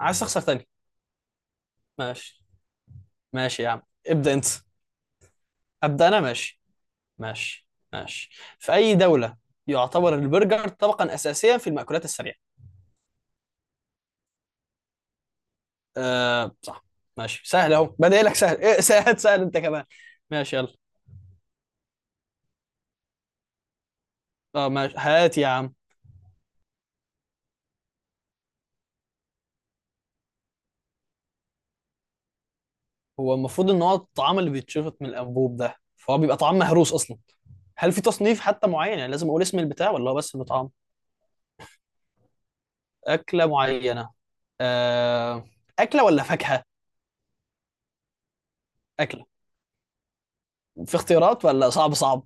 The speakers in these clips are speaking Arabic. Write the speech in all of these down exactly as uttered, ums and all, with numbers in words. عايز تخسر تاني؟ ماشي ماشي يا عم. ابدأ انت. ابدأ انا، ماشي. ماشي ماشي. في اي دولة يعتبر البرجر طبقا اساسيا في المأكولات السريعة؟ أه صح. ماشي، سهل اهو، بدأ لك سهل. إيه، سهل سهل انت كمان. ماشي يلا. اه ماشي، هات يا عم. هو المفروض ان هو الطعام اللي بيتشفط من الانبوب ده، فهو بيبقى طعام مهروس اصلا. هل في تصنيف حتى معين؟ يعني لازم اقول اسم البتاع ولا هو بس انه طعام؟ اكلة معينة. أه. اكلة ولا فاكهة؟ اكلة. في اختيارات ولا صعب؟ صعب.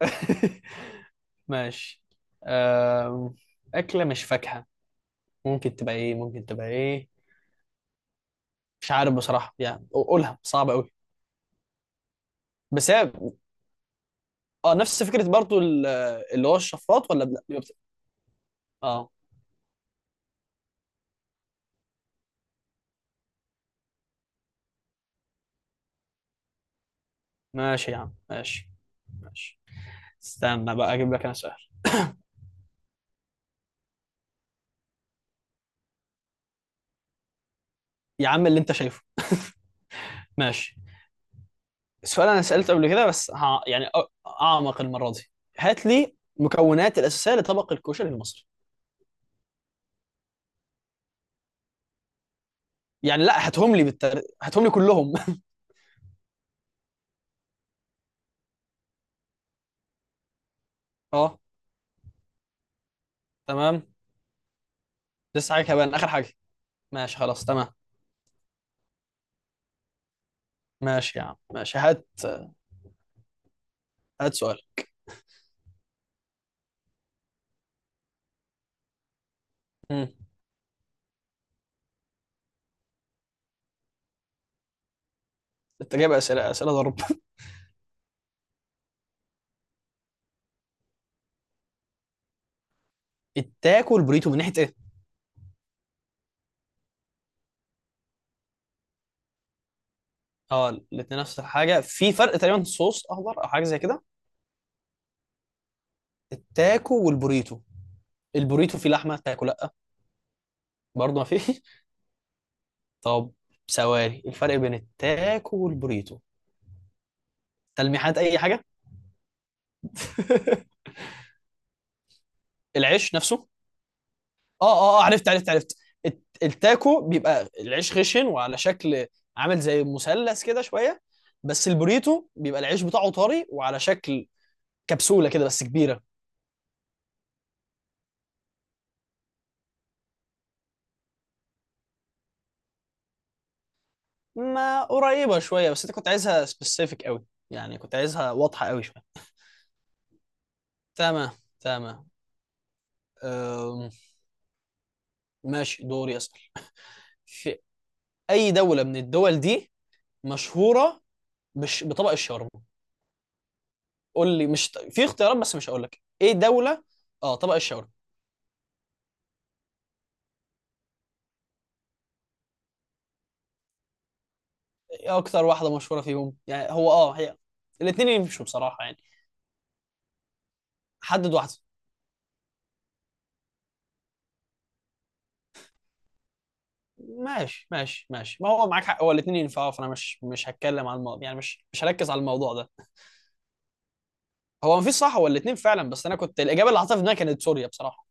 ماشي. آم، أكلة مش فاكهة. ممكن تبقى إيه؟ ممكن تبقى إيه؟ مش عارف بصراحة، يعني قولها صعب أوي. بس هي، اه، نفس فكرة برضو ال- اللي هو الشفاط، ولا لا بيبقى-. اه ماشي يا عم، ماشي. ماشي. استنى بقى، أجيب لك أنا سؤال. يا عم اللي أنت شايفه. ماشي. السؤال أنا سألته قبل كده، بس ها يعني أ- أعمق المرة دي. هات لي مكونات الأساسية لطبق الكشري المصري، يعني لا، هاتهم لي بالتر... هاتهم لي كلهم. اه تمام. لسه حاجة كمان؟ آخر حاجة. ماشي خلاص، تمام. ماشي يا عم، ماشي. هات هات سؤال. مم. انت جايب اسئله، اسئله ضرب. التاكو والبوريتو من ناحيه ايه؟ اه، الاثنين نفس الحاجه، في فرق تقريبا، صوص اخضر او حاجه زي كده. التاكو والبوريتو، البوريتو فيه لحمه، التاكو لا، برضه ما فيه. طب ثواني، الفرق بين التاكو والبوريتو، تلميحات، اي حاجه. العيش نفسه. اه اه اه، عرفت عرفت عرفت. الت- التاكو بيبقى العيش خشن، وعلى شكل عامل زي مثلث كده شويه. بس البوريتو بيبقى العيش بتاعه طري، وعلى شكل كبسولة كده بس كبيرة. ما قريبة شوية، بس انت كنت عايزها سبيسيفيك قوي، يعني كنت عايزها واضحة قوي شوية. تمام تمام. أم، ماشي دوري أسأل. في أي دولة من الدول دي مشهورة بش... بطبق الشاورما؟ قول لي، مش في اختيارات بس مش هقول لك ايه دولة. اه طبق الشاورما. ايه اكتر واحدة مشهورة فيهم؟ يعني هو اه هي، الاتنين يمشوا بصراحة، يعني حدد واحدة. ماشي ماشي ماشي، ما هو معاك حق، هو الاتنين ينفعوا، فانا مش مش هتكلم عن الموضوع، يعني مش مش هركز على الموضوع ده. هو مفيش صح ولا الاتنين فعلا، بس انا كنت الاجابه اللي حاططها في دماغي كانت سوريا بصراحه.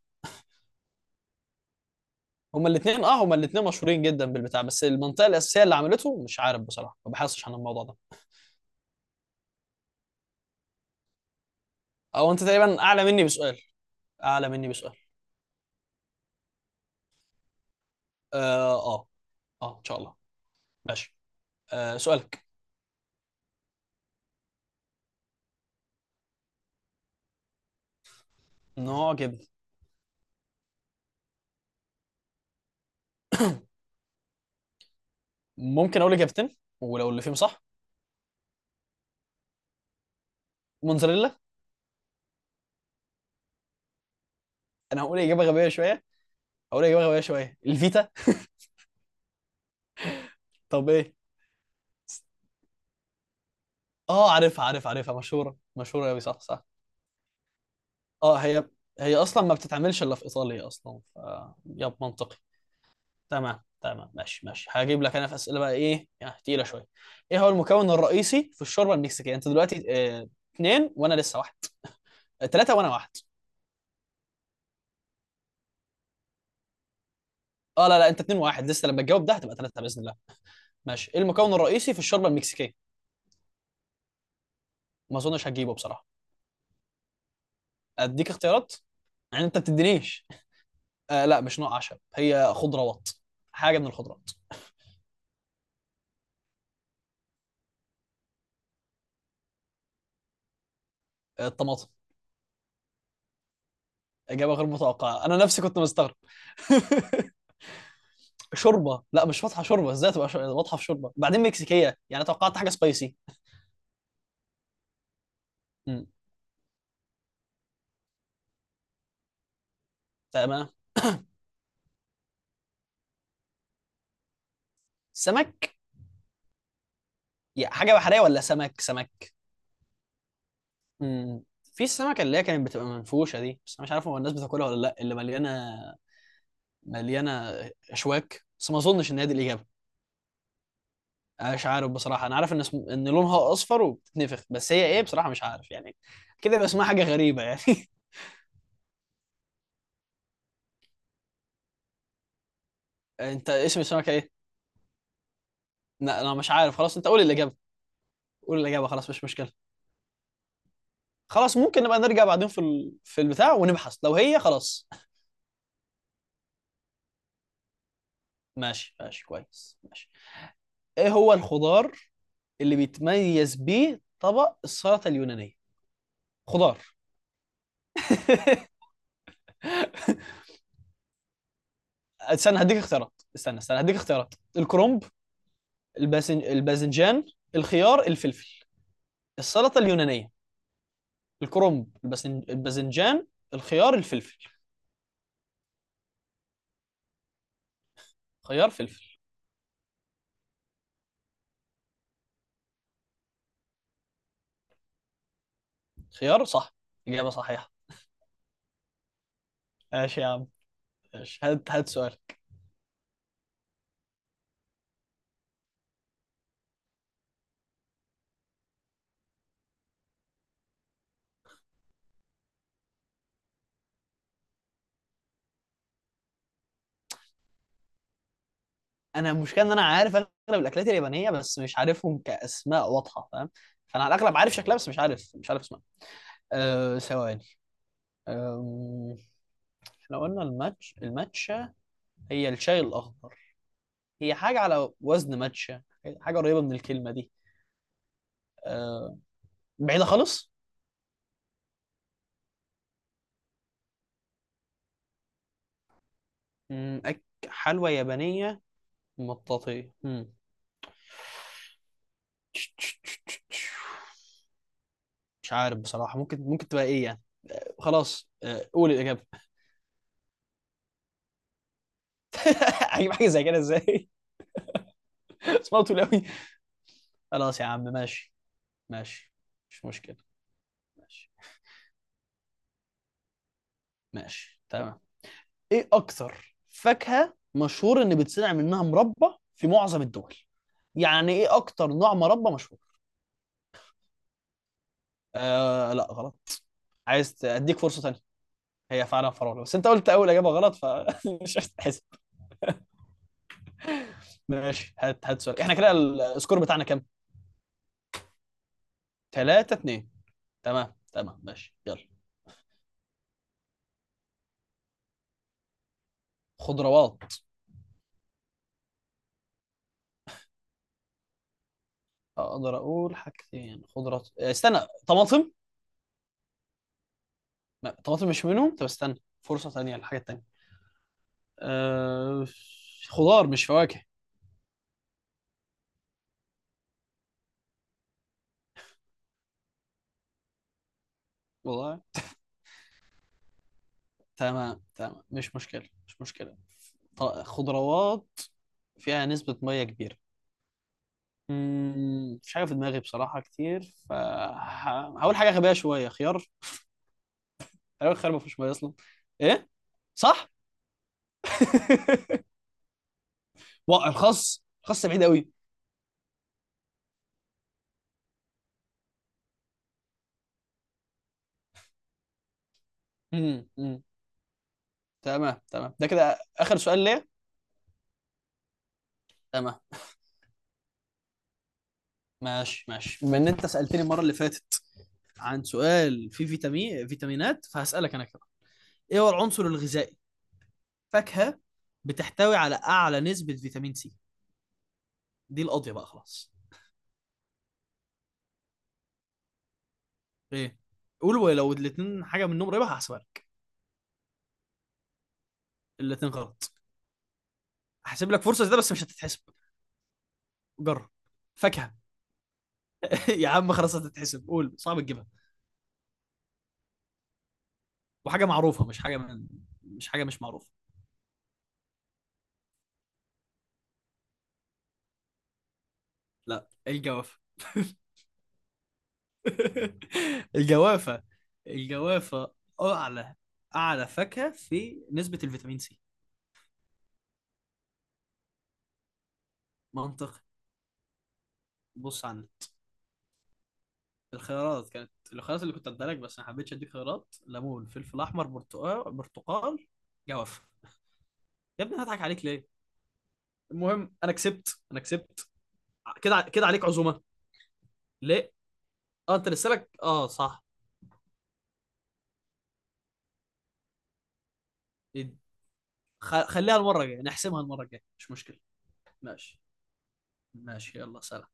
هما الاتنين، اه هما الاتنين مشهورين جدا بالبتاع، بس المنطقه الاساسيه اللي عملته مش عارف بصراحه، ما بحسش عن الموضوع ده. او انت تقريبا اعلى مني بسؤال، اعلى مني بسؤال. اه اه، آه ان شاء الله. ماشي. آه سؤالك. نوع جبن. ممكن اقول اجابتين، ولو اللي فيهم صح؟ موتزاريلا. انا هقول اجابه غبيه شويه، هقول اجابه غبيه شويه، الفيتا. طب ايه؟ اه عارفها عارفها عارفها، مشهوره مشهوره قوي، صح صح. اه هي، هي اصلا ما بتتعملش الا في ايطاليا اصلا، ف يب منطقي. تمام تمام، ماشي ماشي. هجيب لك انا في اسئله بقى ايه، يعني تقيله شويه. ايه هو المكون الرئيسي في الشوربه المكسيكيه؟ انت دلوقتي اه اتنين وانا لسه واحد. اه تلاته وانا واحد. اه لا لا، انت اتنين واحد لسه، لما تجاوب ده هتبقى تلاته باذن الله. ماشي، ايه المكون الرئيسي في الشوربه المكسيكيه؟ ما اظنش هتجيبه بصراحه. اديك اختيارات؟ يعني انت بتدينيش. آه لا مش نوع عشب، هي خضروات، حاجه من الخضروات. آه الطماطم. اجابه غير متوقعه، انا نفسي كنت مستغرب. شوربه، لا مش فاتحه شوربه، ازاي تبقى ش- واضحه في شوربه؟ بعدين مكسيكيه يعني، توقعت حاجه سبايسي. مم. تمام. سمك. يا حاجة بحرية ولا سمك؟ سمك. مم. في السمكة اللي هي كانت بتبقى منفوشة دي، بس أنا مش عارف هو الناس بتاكلها ولا لأ، اللي مليانة، مليانة أشواك، بس ما أظنش إن هي دي الإجابة. أنا مش عارف بصراحة، أنا عارف إن اسم... إن لونها أصفر وبتتنفخ، بس هي إيه بصراحة مش عارف يعني. كده يبقى اسمها حاجة غريبة يعني. أنت اسم السمكة إيه؟ لا أنا مش عارف خلاص، أنت قول الإجابة. قول الإجابة خلاص، مش مشكلة. خلاص ممكن نبقى نرجع بعدين في ال... في البتاع ونبحث لو هي خلاص. ماشي ماشي، كويس، ماشي. إيه هو الخضار اللي بيتميز بيه طبق السلطه اليونانيه؟ خضار. استنى هديك اختيارات، استنى استنى هديك اختيارات. الكرنب، الباذن الباذنجان، الخيار، الفلفل. السلطه اليونانيه. الكرنب، الباذن الباذنجان، الخيار، الفلفل. خيار فلفل. خيار. صح، اجابه صحيحه. ماشي يا عم ماشي، هات هات سؤال. انا المشكله ان انا عارف اغلب الاكلات اليابانيه، بس مش عارفهم كاسماء واضحه، فاهم؟ فانا على الاغلب عارف شكلها، بس مش عارف مش عارف اسمها. أه ثواني. أم... احنا قلنا الماتش الماتشا، هي الشاي الأخضر. هي حاجة على وزن ماتشا، حاجة قريبة من الكلمة دي. أه بعيدة خالص. مم، أك... حلوى يابانية مطاطية. مم. مش عارف بصراحة، ممكن ممكن تبقى إيه يعني؟ خلاص أه، قول الإجابة. هجيب حاجة زي كده إزاي؟ اسمها طويل أوي. خلاص يا عم ماشي، ماشي. مش مشكلة. ماشي ماشي، تمام. إيه أكتر فاكهة مشهور إن بتصنع منها مربى في معظم الدول؟ يعني ايه اكتر نوع مربى مشهور؟ آه لا غلط، عايز ت- اديك فرصه ثانيه؟ هي فعلا فراوله، بس انت قلت اول اجابه غلط فمش هتتحسب. ماشي، هات هات سؤال. احنا كده ال- السكور بتاعنا كام؟ ثلاثة اثنين. تمام تمام، ماشي يلا. خضروات. اقدر اقول حاجتين خضروات؟ آه، استنى. طماطم. لا طماطم مش منهم، طب استنى فرصه ثانيه للحاجه الثانيه. أه... خضار مش فواكه. والله. تمام تمام، مش مشكله مش مشكله. ط- خضروات فيها نسبة مية كبيرة. مم، مفيش حاجه في دماغي بصراحه كتير، فهقول حاجه غبيه شويه، خيار. تقريبا الخيار ما فيهوش ميه اصلا. ايه صح. وا- الخس، الخس بعيد قوي. مم، مم. تمام تمام، ده كده اخر سؤال ليه. تمام. ماشي ماشي. بما ان انت سالتني المره اللي فاتت عن سؤال فيه فيتامين، فيتامينات، فهسالك انا كمان. ايه هو العنصر الغذائي، فاكهه، بتحتوي على اعلى نسبه فيتامين سي؟ دي القاضيه بقى خلاص. ايه؟ قول، ولو الاثنين حاجه منهم قريبه هحسبها لك. الاثنين غلط. احسب لك فرصه زي ده، بس مش هتتحسب. جرب. فاكهه. يا عم خلاص هتتحسب، قول صعب تجيبها، وحاجه معروفه، مش حاجه من... مش حاجه مش معروفه. لا الجوافه. الجوافه. الجوافه اعلى، اعلى فاكهه في نسبه الفيتامين سي. منطقي. بص عندك، الخيارات كانت، الخيارات اللي كنت اديها لك، بس ما حبيتش اديك خيارات، ليمون، فلفل احمر، برتقال، برتقال. جوافه. يا ابني أنا هضحك عليك ليه؟ المهم انا كسبت انا كسبت، كده كده عليك عزومه. ليه؟ اه انت لسه لك، اه صح. يد- خ- خليها المره الجايه نحسمها، المره الجايه مش مشكله. ماشي. ماشي يلا، سلام.